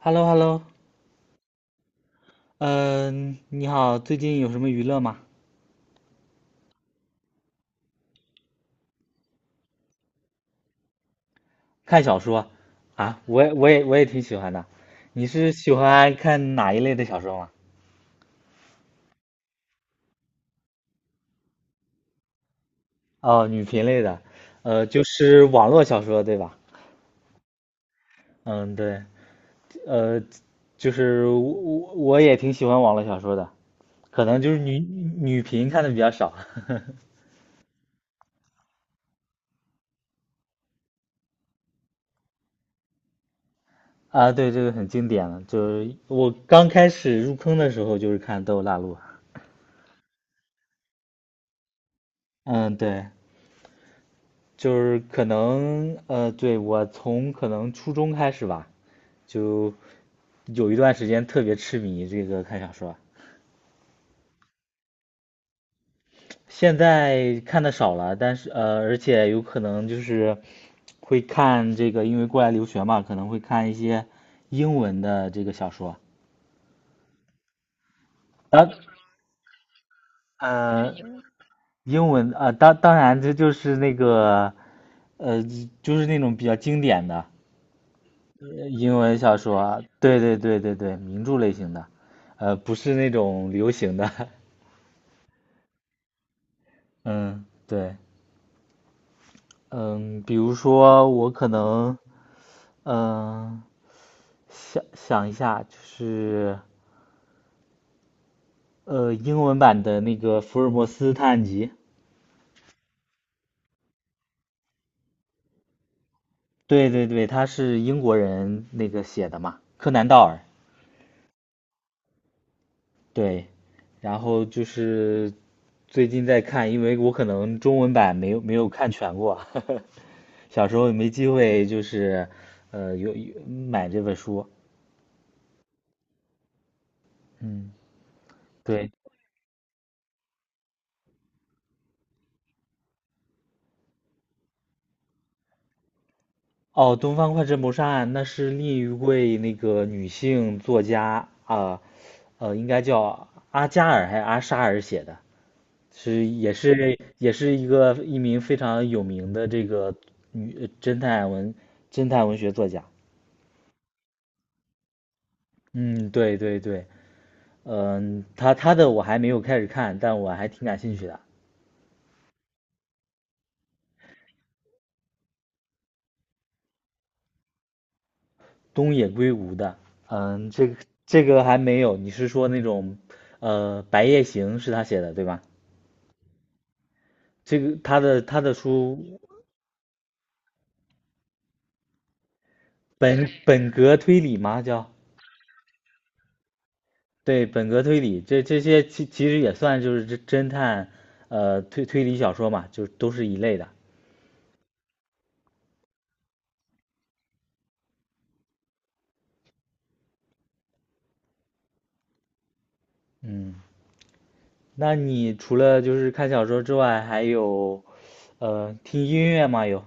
哈喽哈喽，嗯、你好，最近有什么娱乐吗？看小说啊，我也挺喜欢的。你是喜欢看哪一类的小说吗？哦，女频类的，就是网络小说，对吧？嗯，对，呃，就是我也挺喜欢网络小说的，可能就是女频看的比较少。啊，对，这个很经典了，就是我刚开始入坑的时候就是看《斗罗大陆》。嗯，对，就是可能对，我从可能初中开始吧，就有一段时间特别痴迷这个看小说，现在看的少了，但是而且有可能就是会看这个，因为过来留学嘛，可能会看一些英文的这个小说。当呃，英文啊、当然这就是那个呃，就是那种比较经典的，英文小说啊，对，名著类型的，呃，不是那种流行的，嗯，对，嗯，比如说我可能，嗯，想一下，就是，呃，英文版的那个《福尔摩斯探案集》，对，他是英国人那个写的嘛，柯南道尔，对，然后就是最近在看，因为我可能中文版没有看全过，小时候没机会，就是呃有买这本书。嗯，对，哦，《东方快车谋杀案》那是另一位那个女性作家啊，呃，应该叫阿加尔还是阿沙尔写的，是也是也是一个一名非常有名的这个女侦探文侦探文学作家。嗯，对，嗯，他的我还没有开始看，但我还挺感兴趣的。东野圭吾的，嗯，这个还没有。你是说那种，呃，《白夜行》是他写的对吧？这个他的书本格推理吗？叫对本格推理，这这些其实也算就是侦探，呃，推理小说嘛，就都是一类的。嗯，那你除了就是看小说之外，还有，呃，听音乐吗？有？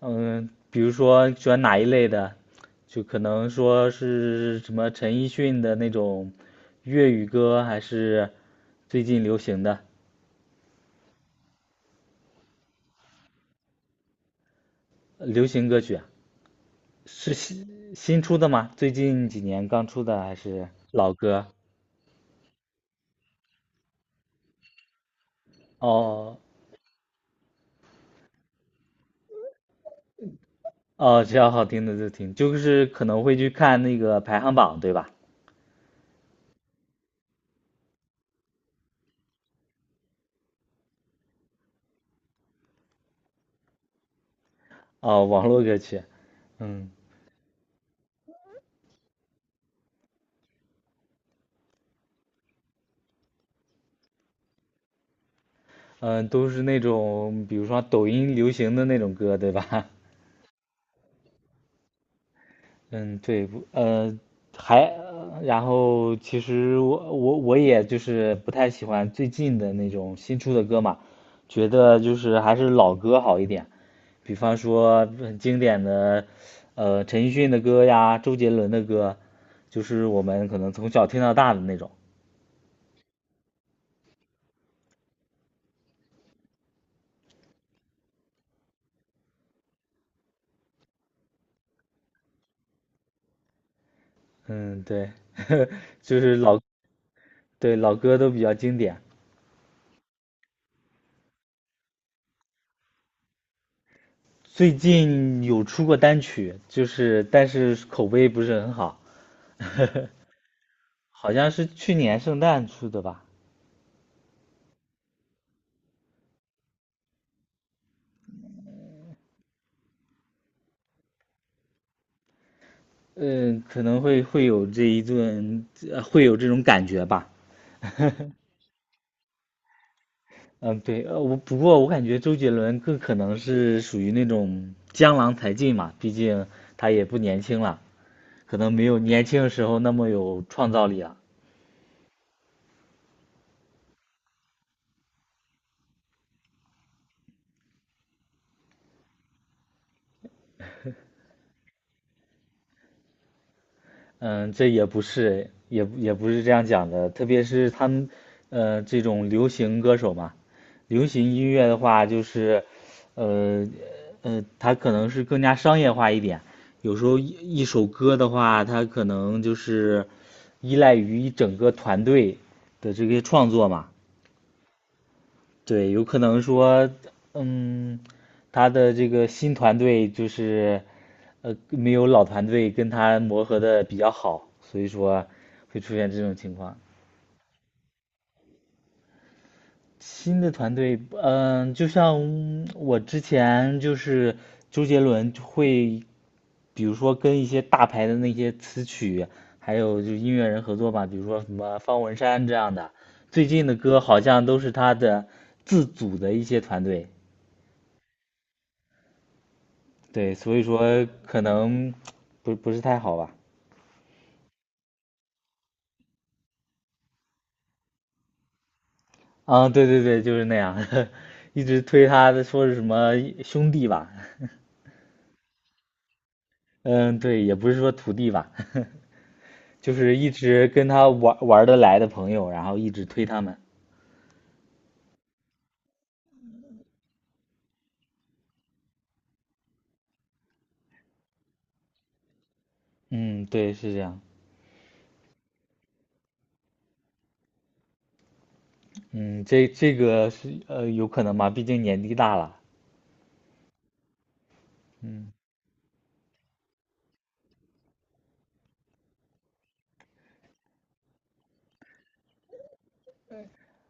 嗯，比如说喜欢哪一类的，就可能说是什么陈奕迅的那种粤语歌，还是最近流行的流行歌曲啊，是新出的吗？最近几年刚出的，还是老歌？哦哦，只要好听的就听，就是可能会去看那个排行榜，对吧？哦，网络歌曲，嗯嗯，都是那种比如说抖音流行的那种歌，对吧？嗯，对，不呃，然后其实我也就是不太喜欢最近的那种新出的歌嘛，觉得就是还是老歌好一点，比方说很经典的，呃，陈奕迅的歌呀，周杰伦的歌，就是我们可能从小听到大的那种。嗯，对，就是对，老歌都比较经典。最近有出过单曲，就是但是口碑不是很好。好像是去年圣诞出的吧，嗯，可能会有这一顿，会有这种感觉吧。嗯，对，我不过我感觉周杰伦更可能是属于那种江郎才尽嘛，毕竟他也不年轻了，可能没有年轻的时候那么有创造力了。嗯，这也不是，也不是这样讲的。特别是他们，呃，这种流行歌手嘛，流行音乐的话，就是，呃，他可能是更加商业化一点。有时候一首歌的话，他可能就是依赖于一整个团队的这些创作嘛。对，有可能说，嗯，他的这个新团队就是，呃，没有老团队跟他磨合的比较好，所以说会出现这种情况。新的团队，嗯，就像我之前就是周杰伦就会，比如说跟一些大牌的那些词曲，还有就是音乐人合作吧，比如说什么方文山这样的，最近的歌好像都是他的自组的一些团队。对，所以说可能不是太好吧。啊，对，就是那样，一直推他的说是什么兄弟吧，嗯，对，也不是说徒弟吧，就是一直跟他玩得来的朋友，然后一直推他们。嗯，对，是这样。嗯，这这个是呃有可能吧，毕竟年纪大了。嗯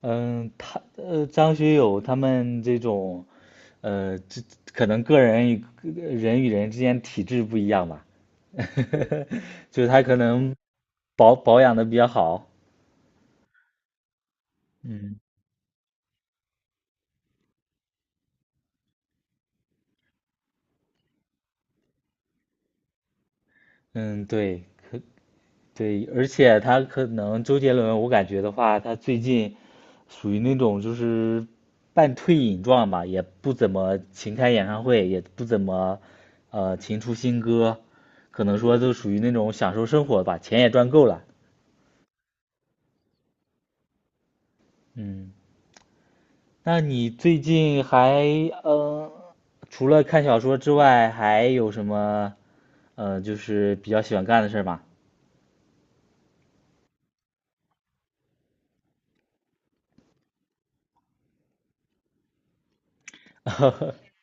嗯，他呃，张学友他们这种，呃，这可能个人与人之间体质不一样吧，就是他可能保养的比较好，嗯嗯，对，可对，而且他可能周杰伦，我感觉的话，他最近属于那种就是半退隐状吧，也不怎么勤开演唱会，也不怎么勤出新歌，可能说都属于那种享受生活吧，钱也赚够了。嗯，那你最近还呃，除了看小说之外，还有什么就是比较喜欢干的事儿吗？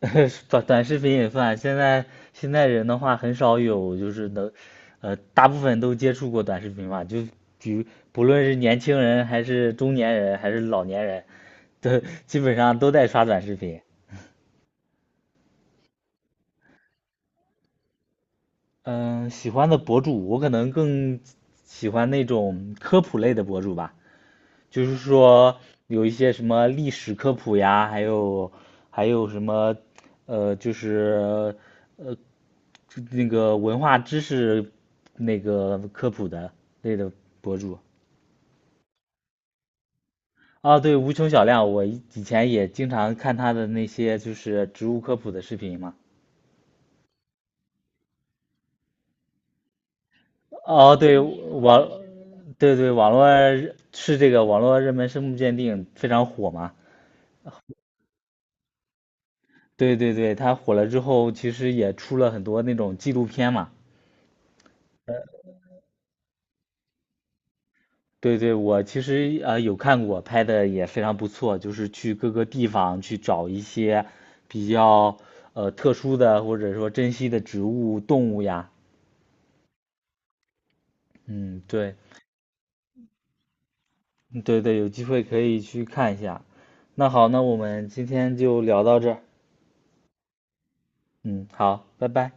短视频也算。现在现在人的话很少有就是能，呃，大部分都接触过短视频吧。比如不论是年轻人还是中年人还是老年人，都基本上都在刷短视频。嗯，喜欢的博主我可能更喜欢那种科普类的博主吧，就是说有一些什么历史科普呀，还有什么呃，就是呃那个文化知识那个科普的类的博主。啊，对，无穷小亮，我以前也经常看他的那些就是植物科普的视频嘛。哦，对对，网络热是这个网络热门生物鉴定非常火嘛。对对对，他火了之后，其实也出了很多那种纪录片嘛。对对，我其实呃有看过，拍的也非常不错，就是去各个地方去找一些比较呃特殊的或者说珍稀的植物、动物呀。嗯，对，嗯对对，有机会可以去看一下。那好，那我们今天就聊到这儿。嗯，好，拜拜。